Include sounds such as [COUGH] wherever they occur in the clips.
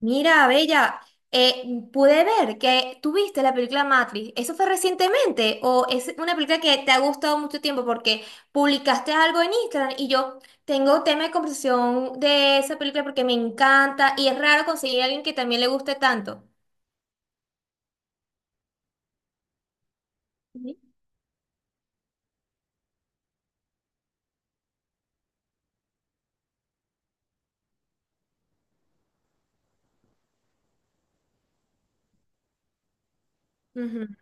Mira, Bella, eh, pude ver que tú viste la película Matrix. ¿Eso fue recientemente o es una película que te ha gustado mucho tiempo porque publicaste algo en Instagram? Y yo tengo tema de conversación de esa película porque me encanta y es raro conseguir a alguien que también le guste tanto. Ujú.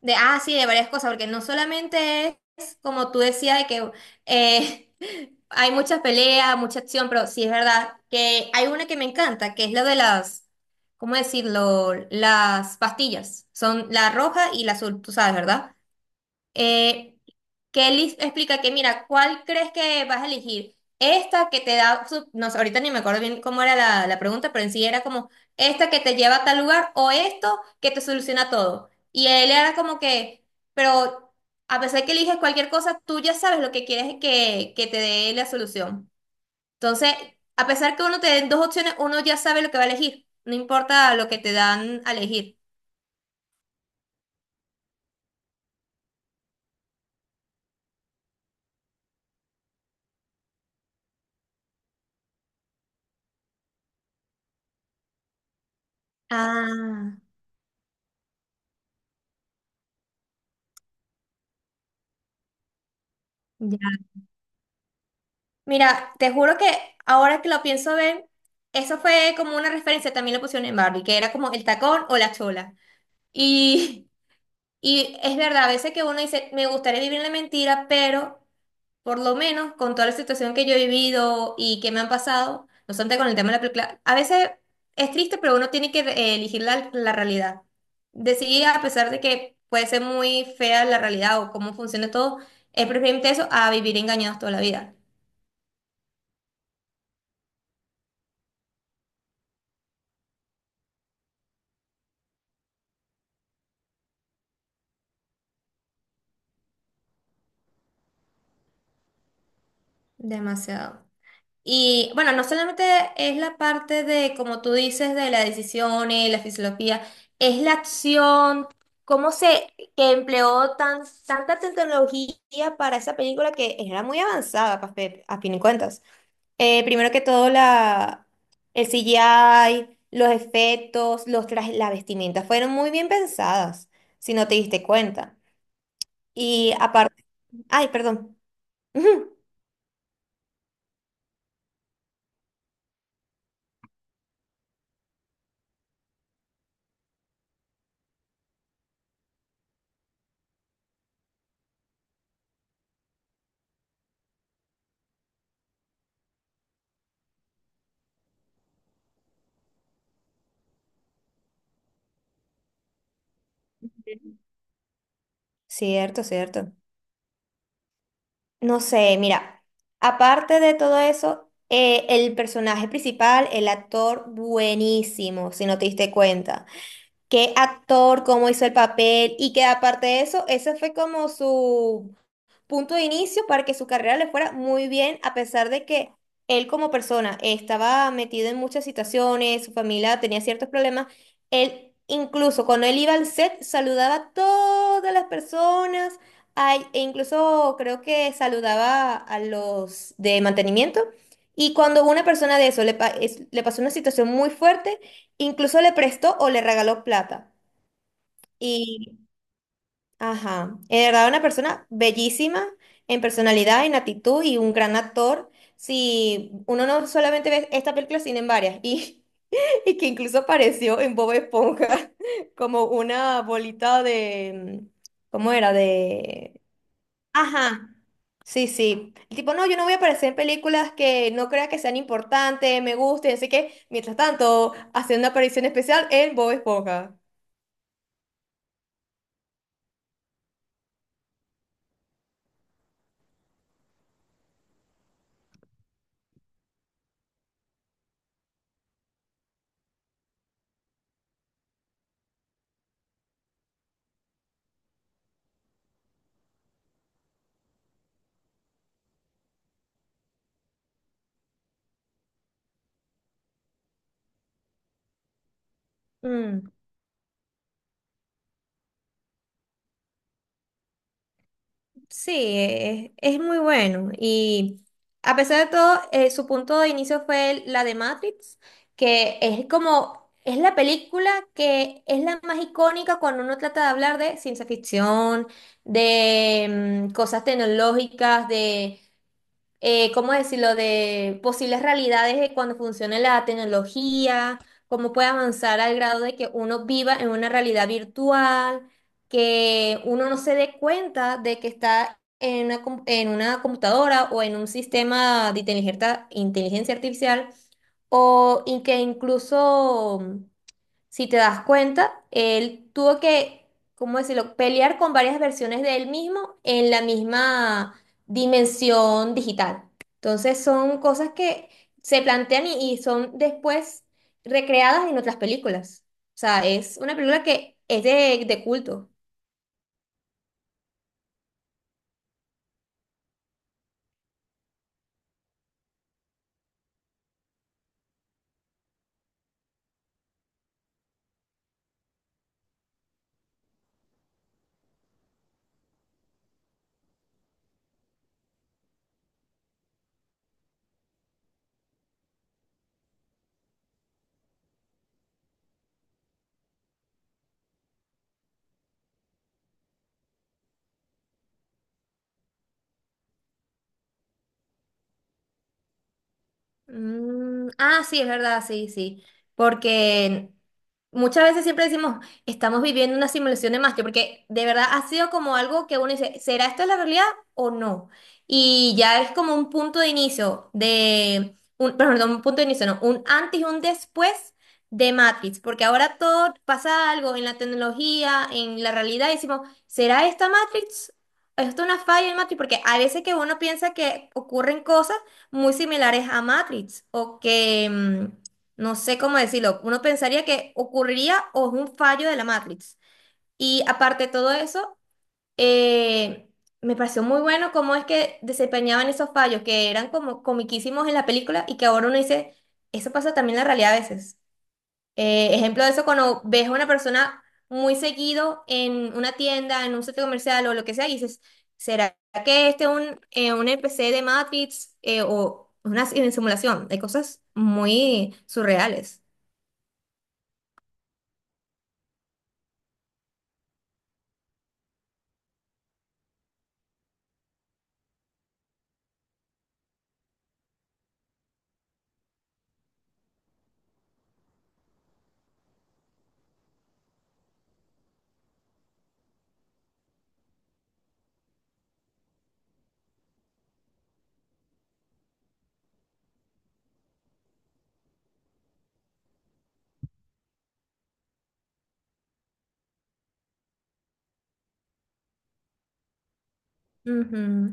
De, ah, sí, de varias cosas, porque no solamente es, como tú decías, de que eh, [LAUGHS] hay muchas peleas, mucha acción, pero sí es verdad que hay una que me encanta, que es la de las, ¿cómo decirlo? Las pastillas. Son la roja y la azul, tú sabes, ¿verdad? Eh, que él explica que, mira, ¿cuál crees que vas a elegir? Esta que te da, no sé, ahorita ni me acuerdo bien cómo era la pregunta, pero en sí era como, esta que te lleva a tal lugar o esto que te soluciona todo. Y él era como que, pero a pesar de que eliges cualquier cosa, tú ya sabes lo que quieres que te dé la solución. Entonces, a pesar que uno te den dos opciones, uno ya sabe lo que va a elegir, no importa lo que te dan a elegir. Ah, ya. Mira, te juro que ahora que lo pienso ver, eso fue como una referencia, también lo pusieron en Barbie, que era como el tacón o la chola. Y, [LAUGHS] y es verdad, a veces que uno dice, me gustaría vivir en la mentira, pero por lo menos con toda la situación que yo he vivido y que me han pasado, no obstante con el tema de la película, a veces es triste, pero uno tiene que elegir la realidad. Decidir, a pesar de que puede ser muy fea la realidad o cómo funciona todo, es preferible eso a vivir engañados toda la vida. Demasiado. Y bueno, no solamente es la parte de, como tú dices, de las decisiones, la fisiología, es la acción, cómo se que empleó tanta tecnología para esa película que era muy avanzada, a fin de cuentas. Primero que todo, la, el CGI, los efectos, los trajes, la vestimenta fueron muy bien pensadas, si no te diste cuenta. Y aparte, ay, perdón. [LAUGHS] Cierto, cierto. No sé, mira, aparte de todo eso, el personaje principal, el actor, buenísimo, si no te diste cuenta. Qué actor, cómo hizo el papel y que aparte de eso, ese fue como su punto de inicio para que su carrera le fuera muy bien, a pesar de que él como persona estaba metido en muchas situaciones, su familia tenía ciertos problemas, él incluso cuando él iba al set saludaba a todas las personas, ay, e incluso creo que saludaba a los de mantenimiento. Y cuando una persona de eso le, le pasó una situación muy fuerte, incluso le prestó o le regaló plata. Y ajá. En verdad, una persona bellísima en personalidad, en actitud y un gran actor. Si uno no solamente ve esta película, sino en varias. Y, [LAUGHS] y que incluso apareció en Bob Esponja [LAUGHS] como una bolita de... mm, ¿cómo era? De... Ajá. Sí, sí. El tipo, no, yo no voy a aparecer en películas que no crea que sean importantes, me gusten. Así que, mientras tanto, hace una aparición especial en Bob Esponja. Sí, es muy bueno. Y a pesar de todo, su punto de inicio fue la de Matrix, que es como, es la película que es la más icónica cuando uno trata de hablar de ciencia ficción, de mm, cosas tecnológicas, de ¿cómo decirlo?, de posibles realidades de cuando funcione la tecnología, cómo puede avanzar al grado de que uno viva en una realidad virtual, que uno no se dé cuenta de que está en una, en una computadora o en un sistema de inteligencia, inteligencia artificial, o y que incluso si te das cuenta, él tuvo que, ¿cómo decirlo?, pelear con varias versiones de él mismo en la misma dimensión digital. Entonces son cosas que se plantean y son después recreadas en otras películas. O sea, es una película que es de culto. Mm, ah, sí, es verdad, sí, sí. Porque muchas veces siempre decimos, estamos viviendo una simulación de Matrix, porque de verdad ha sido como algo que uno dice, ¿será esto la realidad o no? Y ya es como un punto de inicio de, un, perdón, no, un punto de inicio, no, un antes y un después de Matrix, porque ahora todo pasa algo en la tecnología, en la realidad, y decimos, ¿será esta Matrix? ¿Esto es una falla en Matrix? Porque a veces que uno piensa que ocurren cosas muy similares a Matrix o que, mm, no sé cómo decirlo, uno pensaría que ocurriría o es un fallo de la Matrix. Y aparte de todo eso, eh, me pareció muy bueno cómo es que desempeñaban esos fallos que eran como comiquísimos en la película y que ahora uno dice, eso pasa también en la realidad a veces. Ejemplo de eso, cuando ves a una persona muy seguido en una tienda, en un centro comercial o lo que sea, y dices, ¿será que este es un NPC de Matrix o una simulación? Hay cosas muy surreales. Ujú.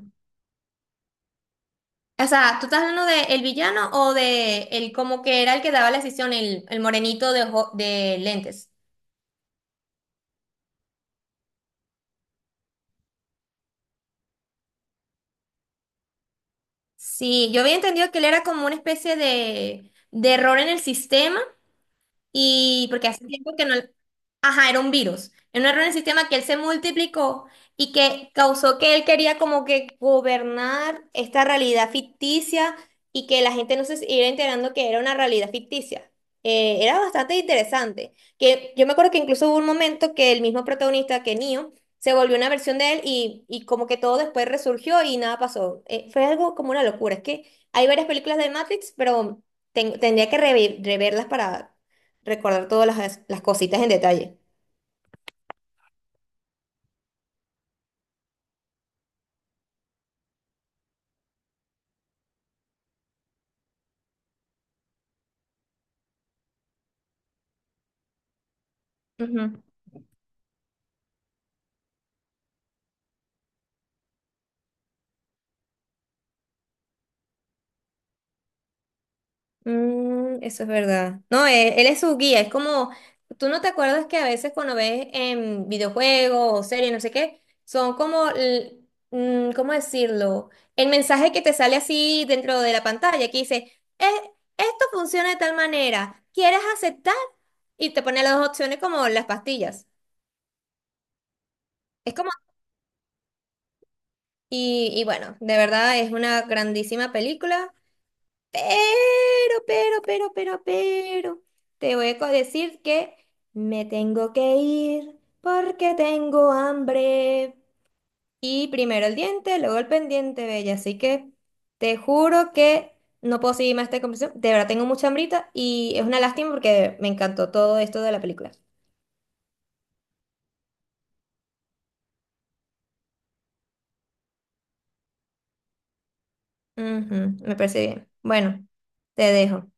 O sea, ¿tú estás hablando de el villano o de el como que era el que daba la decisión, el morenito de, de lentes? Sí, yo había entendido que él era como una especie de error en el sistema. Y porque hace tiempo que no... Ajá, era un virus. Era un error en el sistema que él se multiplicó y que causó que él quería como que gobernar esta realidad ficticia y que la gente no se iba enterando que era una realidad ficticia. Era bastante interesante. Que yo me acuerdo que incluso hubo un momento que el mismo protagonista, que Neo, se volvió una versión de él y como que todo después resurgió y nada pasó. Fue algo como una locura. Es que hay varias películas de Matrix, pero tendría que reverlas para recordar todas las cositas en detalle. Ujú. Mm, eso es verdad. No, él es su guía, es como, tú no te acuerdas que a veces cuando ves en videojuegos o series, no sé qué, son como, mm, ¿cómo decirlo? El mensaje que te sale así dentro de la pantalla, que dice, "Eh, esto funciona de tal manera, ¿quieres aceptar?" Y te pone las dos opciones como las pastillas. Es como, y bueno, de verdad es una grandísima película, pero, pero, te voy a decir que me tengo que ir porque tengo hambre. Y primero el diente, luego el pendiente, bella. Así que te juro que no puedo seguir más esta conversación. De verdad tengo mucha hambrita y es una lástima porque me encantó todo esto de la película. Ujú, me parece bien. Bueno, te dejo.